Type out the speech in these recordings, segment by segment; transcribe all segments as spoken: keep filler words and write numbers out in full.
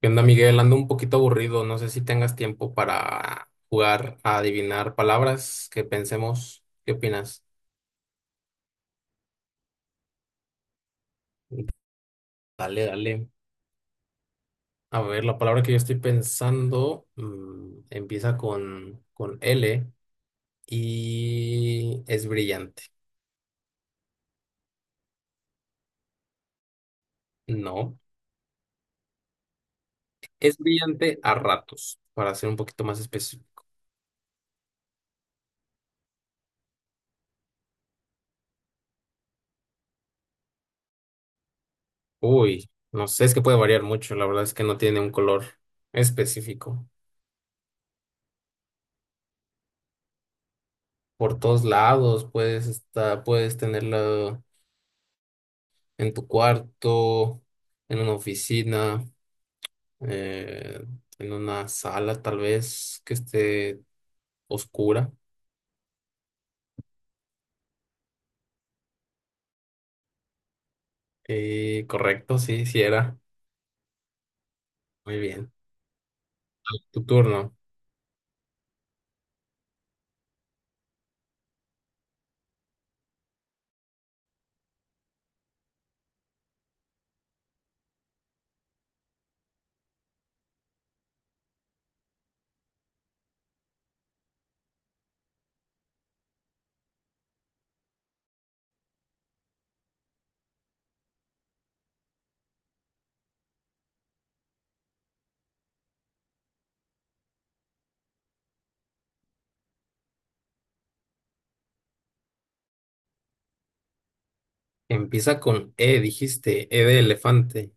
¿Qué onda, Miguel? Ando un poquito aburrido. No sé si tengas tiempo para jugar a adivinar palabras que pensemos. ¿Qué opinas? Dale, dale. A ver, la palabra que yo estoy pensando mm, empieza con, con L y es brillante. No, es brillante a ratos, para ser un poquito más específico. Uy, no sé, es que puede variar mucho. La verdad es que no tiene un color específico. Por todos lados puedes estar, puedes tenerla. En tu cuarto, en una oficina, eh, en una sala tal vez que esté oscura. Eh, correcto, sí, sí era. Muy bien. Tu turno. Empieza con E, dijiste, E de elefante.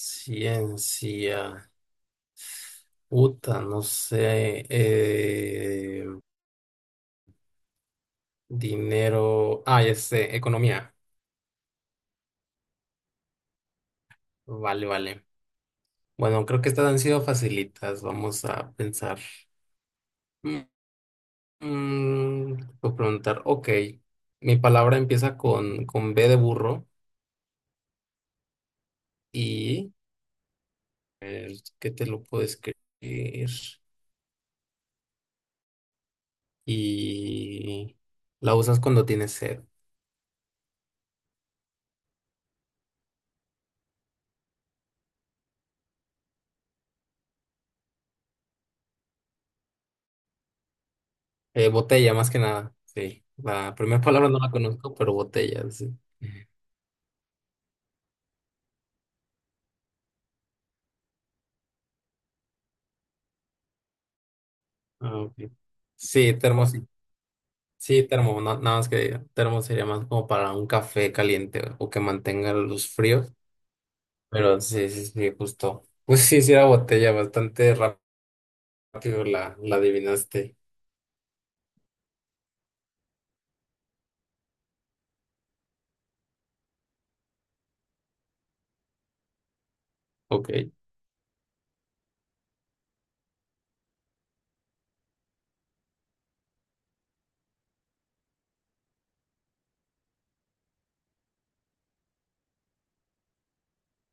Ciencia. Puta, no sé. Eh, dinero. Ah, ya sé, economía. Vale, vale. Bueno, creo que estas han sido facilitas. Vamos a pensar. Mm, Puedo preguntar, ok, mi palabra empieza con, con B de burro y eh, ¿qué te lo puedo escribir? Y la usas cuando tienes sed. Eh, botella, más que nada, sí. La primera palabra no la conozco, pero botella, sí. Ah, ok. Sí, termo, sí. Sí, termo, no- nada más que termo sería más como para un café caliente o que mantenga los fríos, pero sí, sí, sí, justo. Pues sí, sí era botella, bastante rápido. rápido la, la adivinaste. Ok.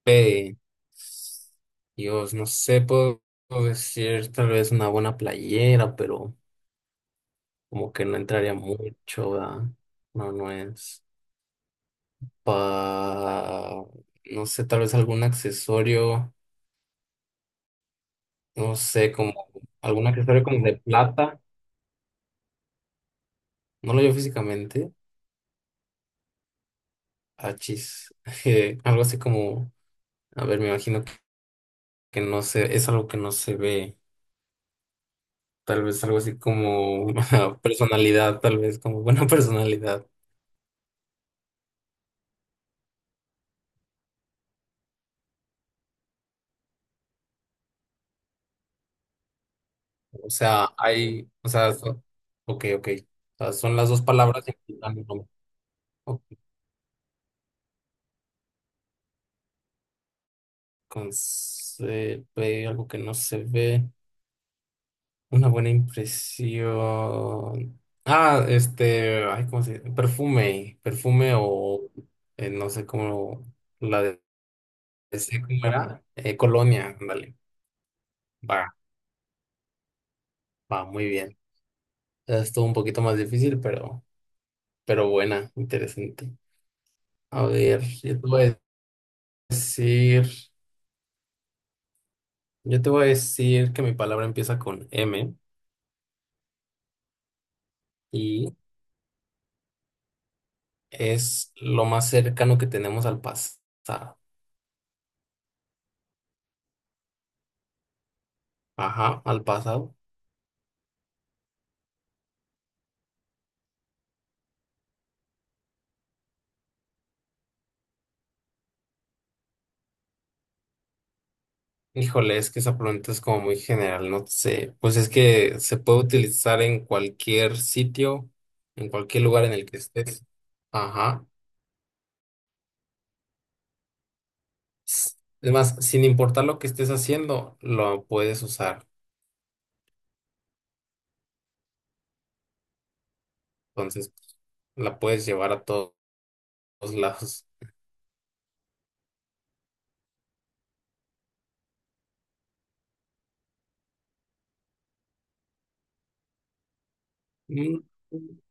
Eh, Dios, no sé, puedo puedo decir tal vez una buena playera, pero como que no entraría mucho, ¿verdad? No, no es. Pa... No sé, tal vez algún accesorio, no sé, como algún accesorio como de plata. No lo veo físicamente. Achis. Eh, algo así como, a ver, me imagino que, que no sé, es algo que no se ve. Tal vez algo así como personalidad, tal vez como buena personalidad. O sea, hay, o sea, so- ok, ok. O sea, son las dos palabras que implican lo mismo. Ok, con se ve algo que no se ve. Una buena impresión. Ah, este, ay, ¿cómo se dice? Perfume, perfume o eh, no sé cómo la de, ese, ¿cómo era? Eh, colonia, ándale. Va, va, muy bien. Estuvo un poquito más difícil, pero. Pero buena, interesante. A ver, yo te voy a decir, yo te voy a decir que mi palabra empieza con M y es lo más cercano que tenemos al pasado. Ajá, al pasado. Híjole, es que esa pregunta es como muy general, no sé. Pues es que se puede utilizar en cualquier sitio, en cualquier lugar en el que estés. Ajá. S- Además, sin importar lo que estés haciendo, lo puedes usar. Entonces, la puedes llevar a to- todos lados. Mm,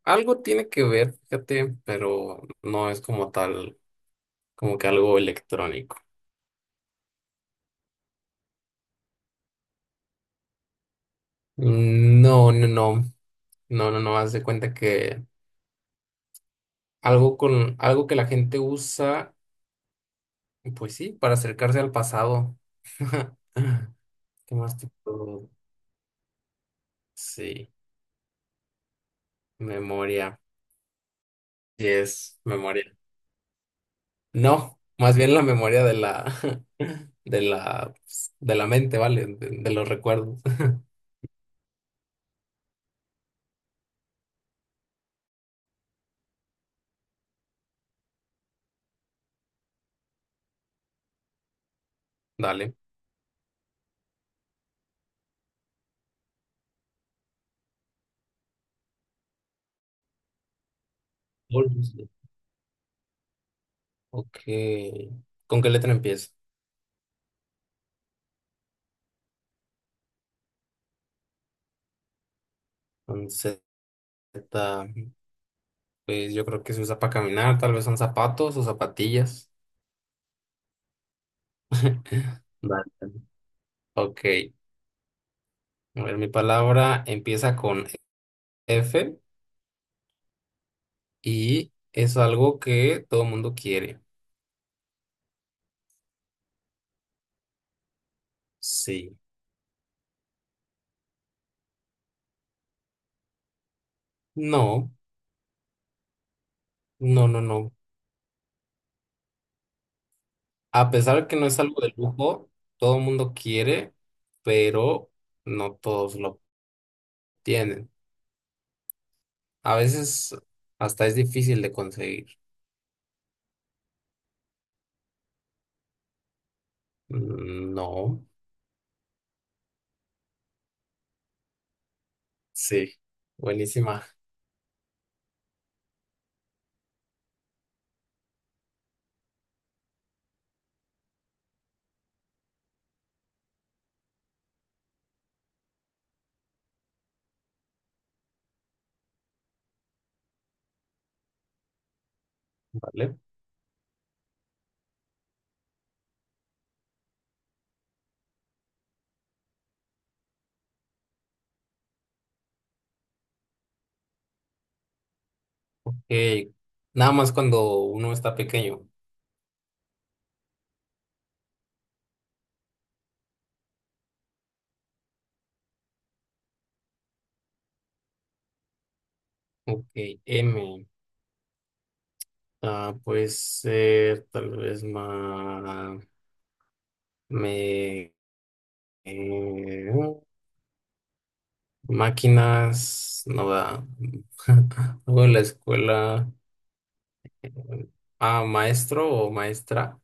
algo tiene que ver, fíjate, pero no es como tal, como que algo electrónico. Mm, no, no, no, no, no, no, haz de cuenta que algo con, algo que la gente usa, pues sí, para acercarse al pasado. ¿Qué más te puedo? Sí, memoria. Sí es memoria. No, más bien la memoria de la, de la, pues, de la mente, ¿vale? de de los recuerdos. Dale. Ok. ¿Con qué letra empieza? Con Z. Pues yo creo que se usa para caminar, tal vez son zapatos o zapatillas. Vale. Ok. A ver, mi palabra empieza con F y es algo que todo el mundo quiere. Sí. No, no, no, no. A pesar que no es algo de lujo, todo el mundo quiere, pero no todos lo tienen. A veces hasta es difícil de conseguir. Mm, no. Sí, buenísima, ¿vale? Eh, nada más cuando uno está pequeño. Ok, M. Ah, puede ser tal vez más... Me... eh, máquinas, no da. Luego en la escuela... Ah, maestro o maestra.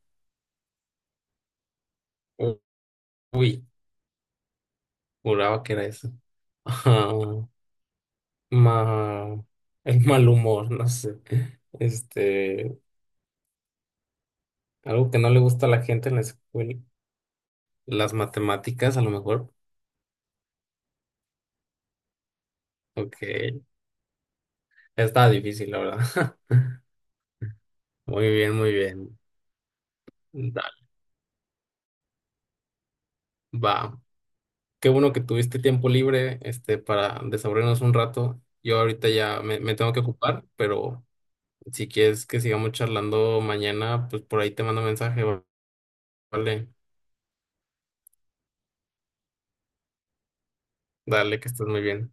U- Uy, juraba que era eso. Ah, ma- el mal humor, no sé. Este... Algo que no le gusta a la gente en la escuela, las matemáticas a lo mejor. Ok, está difícil, la verdad. Muy bien, muy bien. Dale, va. Qué bueno que tuviste tiempo libre, este, para desaburrirnos un rato. Yo ahorita ya me, me tengo que ocupar, pero si quieres que sigamos charlando mañana, pues por ahí te mando mensaje, va- vale. Dale, que estés muy bien.